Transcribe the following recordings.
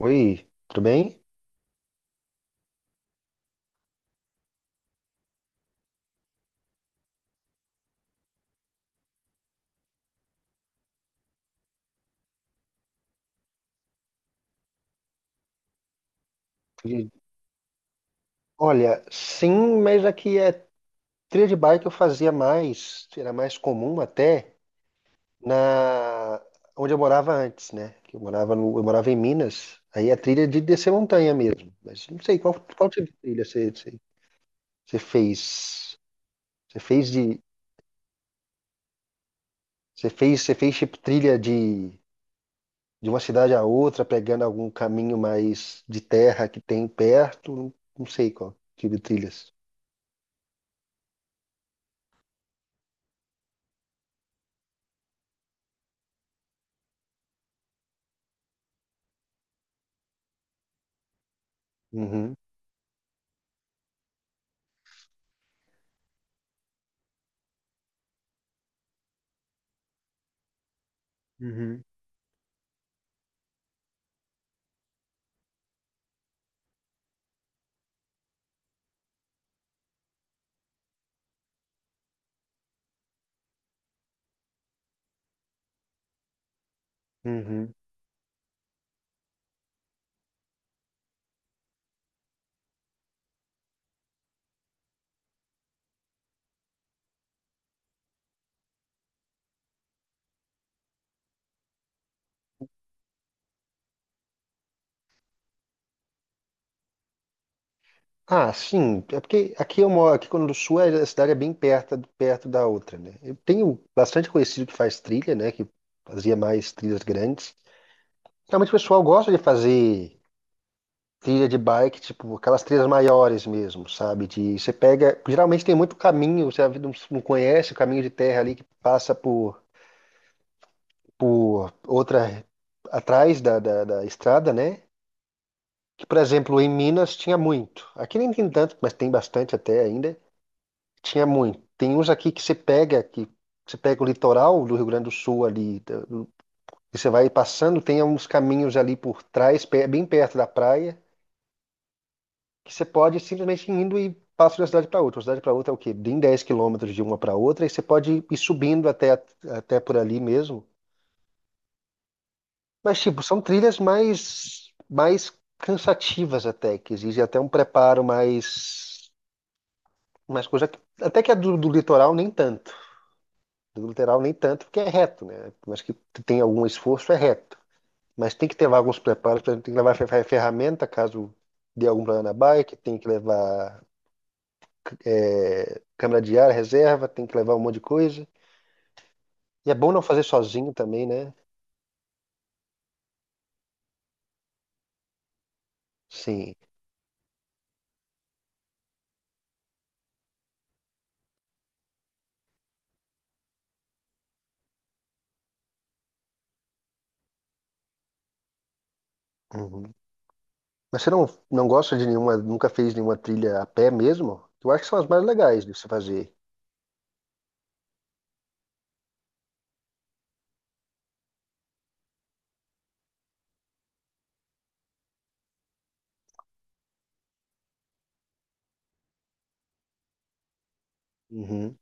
Oi, tudo bem? E, Olha, sim, mas aqui é trilha de bike eu fazia mais, era mais comum até na onde eu morava antes, né? Que eu morava no, eu morava em Minas. Aí a trilha de descer montanha mesmo. Mas não sei qual tipo de trilha você, você fez. Você fez de você fez tipo trilha de uma cidade a outra, pegando algum caminho mais de terra que tem perto. Não, não sei qual tipo de trilhas. Uhum, uhum, uhum. Ah, sim. É porque aqui eu moro, aqui quando do Sul é a cidade é bem perto, perto da outra, né? Eu tenho bastante conhecido que faz trilha, né? Que fazia mais trilhas grandes. Realmente o pessoal gosta de fazer trilha de bike, tipo aquelas trilhas maiores mesmo, sabe? De você pega, geralmente tem muito caminho, você não conhece o caminho de terra ali que passa por outra atrás da estrada, né? Que, por exemplo, em Minas tinha muito. Aqui nem tem tanto, mas tem bastante até ainda. Tinha muito. Tem uns aqui que você pega o litoral do Rio Grande do Sul ali, da do e você vai passando, tem uns caminhos ali por trás, pe- bem perto da praia, que você pode simplesmente ir indo e passa de uma cidade para outra. Uma cidade para outra é o quê? Bem 10 km de uma para outra, e você pode ir subindo até, até por ali mesmo. Mas, tipo, são trilhas mais cansativas até, que exigem até um preparo mais coisa. Que- Até que a do litoral nem tanto. Do lateral nem tanto, porque é reto, né? Mas que tem algum esforço, é reto. Mas tem que ter alguns preparos, por exemplo, tem que levar fer- ferramenta caso dê algum problema na bike, tem que levar é, câmera de ar, reserva, tem que levar um monte de coisa. E é bom não fazer sozinho também, né? Sim. Uhum. Mas você não, não gosta de nenhuma, nunca fez nenhuma trilha a pé mesmo? Eu acho que são as mais legais de se fazer. Uhum.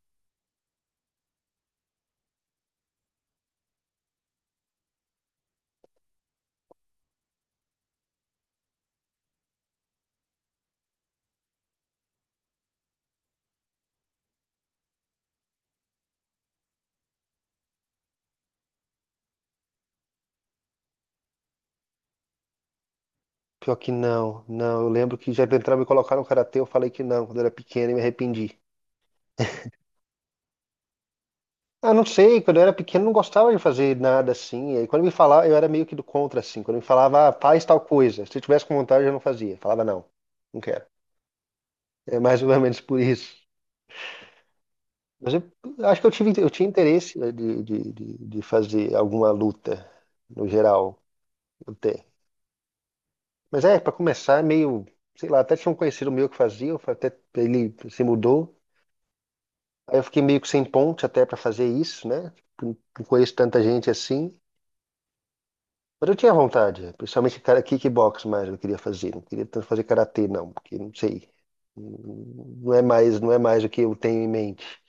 Pior que não, não. Eu lembro que já tentaram me colocar no karatê, eu falei que não, quando eu era pequeno e me arrependi. Ah, não sei, quando eu era pequeno não gostava de fazer nada assim. E aí quando me falava, eu era meio que do contra, assim. Quando me falava, ah, faz tal coisa. Se eu tivesse com vontade, eu não fazia. Falava, não, não quero. É mais ou menos por isso. Mas eu acho que eu tive, eu tinha interesse, né, de fazer alguma luta, no geral, eu tenho. Mas é, para começar, é meio, sei lá, até tinha um conhecido meu que fazia, eu fa- até ele se mudou. Aí eu fiquei meio que sem ponte até para fazer isso, né? Não conheço tanta gente assim. Mas eu tinha vontade, principalmente cara, kickbox mais eu queria fazer, não queria tanto fazer karatê não, porque não sei, não é mais o que eu tenho em mente.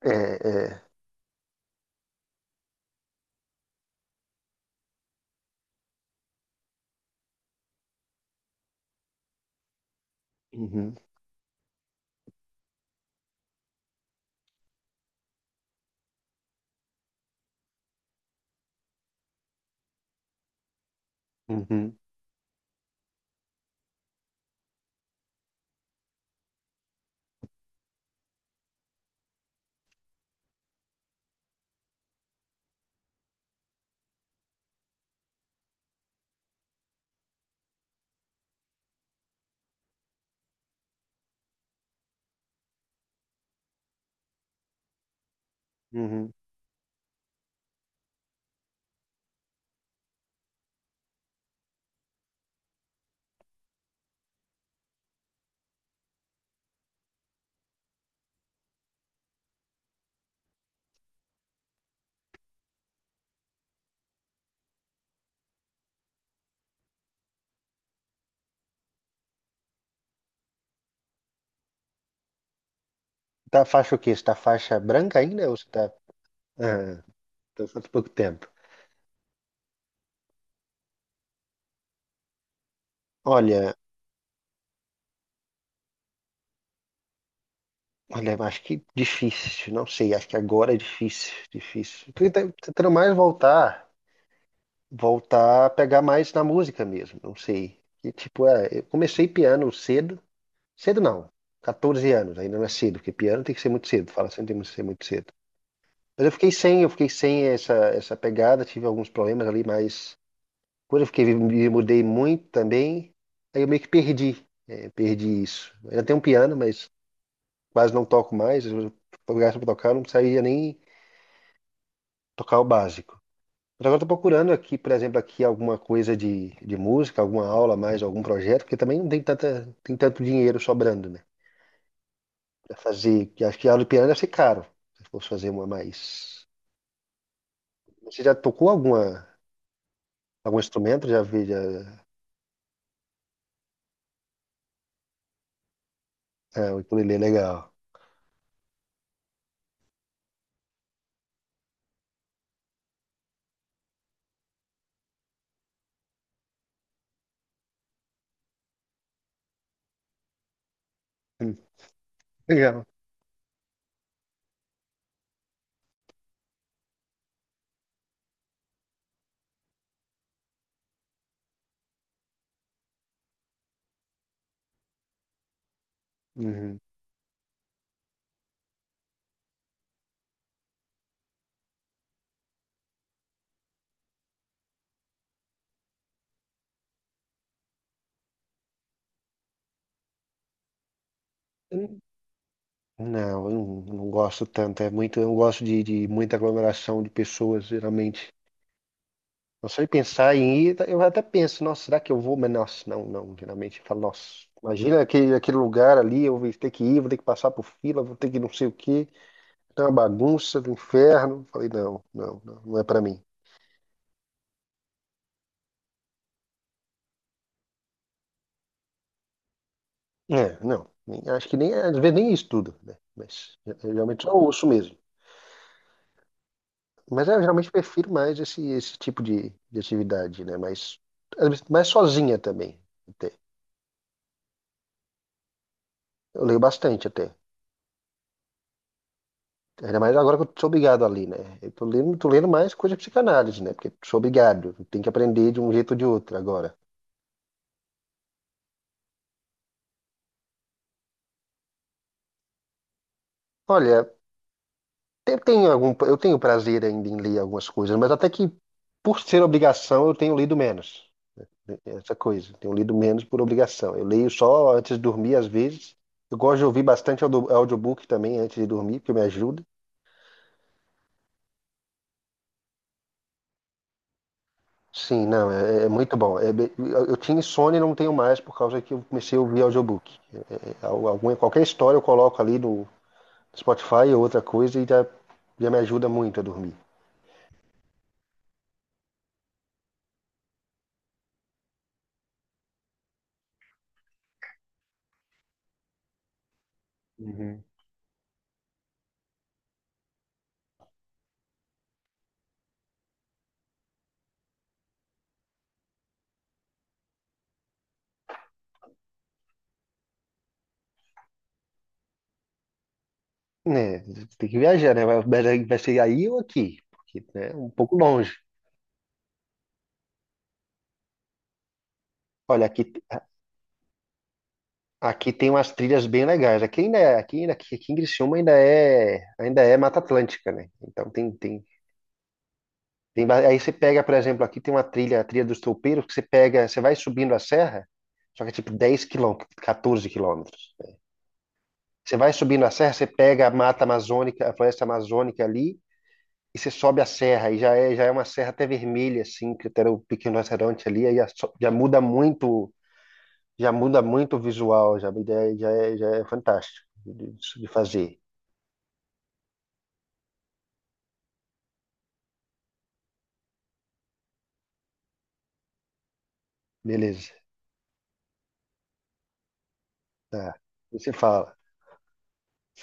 É, é. Uhum, uhum, uhum. Tá faixa o quê? Você tá faixa branca ainda ou você tá, ah, tá faz pouco tempo? Olha, olha, eu acho que difícil, não sei, acho que agora é difícil, difícil. Tô tenta- tentando mais voltar, voltar a pegar mais na música mesmo, não sei. E, tipo, é, eu comecei piano cedo. Cedo não. 14 anos, ainda não é cedo, porque piano tem que ser muito cedo, fala sempre tem que ser muito cedo. Mas eu fiquei sem essa pegada, tive alguns problemas ali, mas quando eu fiquei, me mudei muito também, aí eu meio que perdi, é, perdi isso. Eu ainda tenho um piano, mas quase não toco mais, eu fui obrigado tocar, eu não sabia nem tocar o básico. Mas agora estou procurando aqui, por exemplo, aqui alguma coisa de música, alguma aula a mais, algum projeto, porque também não tem tanta, tem tanto dinheiro sobrando, né? Pra fazer, que acho que aula de piano deve ser caro, se fosse fazer uma mais. Você já tocou algum instrumento? Já vi, já. É, o ukulele é legal. Hum. Legal. Uhum. Hum. Não, eu não, não gosto tanto. É muito, eu não gosto de muita aglomeração de pessoas, geralmente. Eu só de pensar em ir, tá, eu até penso, nossa, será que eu vou? Mas, nossa, não, não. Geralmente eu falo, nossa, imagina aquele lugar ali, eu vou ter que ir, vou ter que passar por fila, vou ter que não sei o quê. É uma bagunça do inferno. Falei, não, não, não, não é pra mim. É, não. Nem acho que nem, às vezes nem estudo, né? Mas eu geralmente só ouço mesmo. Mas eu realmente prefiro mais esse tipo de atividade, né? Mas às vezes, mais sozinha também. Até. Eu leio bastante até. Ainda mais agora que eu sou obrigado ali, né? Tô lendo mais coisa de psicanálise, né? Porque sou obrigado. Tem que aprender de um jeito ou de outro agora. Olha, eu tenho prazer ainda em ler algumas coisas, mas até que por ser obrigação eu tenho lido menos. Tem essa coisa. Tenho lido menos por obrigação. Eu leio só antes de dormir, às vezes. Eu gosto de ouvir bastante audio- audiobook também antes de dormir, porque me ajuda. Sim, não, é, é muito bom. É be- eu tinha insônia e não tenho mais por causa que eu comecei a ouvir audiobook. É, é, é, al- alguma, qualquer história eu coloco ali no Spotify ou outra coisa e já me ajuda muito a dormir. Uhum. É, tem que viajar, né? Vai vai ser aí ou aqui? Porque né, é um pouco longe. Olha, aqui. Aqui tem umas trilhas bem legais. Aqui em Criciúma ainda é Mata Atlântica, né? Então tem, ba- aí você pega, por exemplo, aqui tem uma trilha, a trilha dos Toupeiros, que você pega, você vai subindo a serra, só que é tipo 10 km, 14 quilômetros. Você vai subindo a serra, você pega a Mata Amazônica, a Floresta Amazônica ali, e você sobe a serra, e já é uma serra até vermelha, assim, que até era o Pequeno Restaurante ali, aí já, so- já muda muito o visual, já é fantástico de fazer. Beleza, tá. Você fala.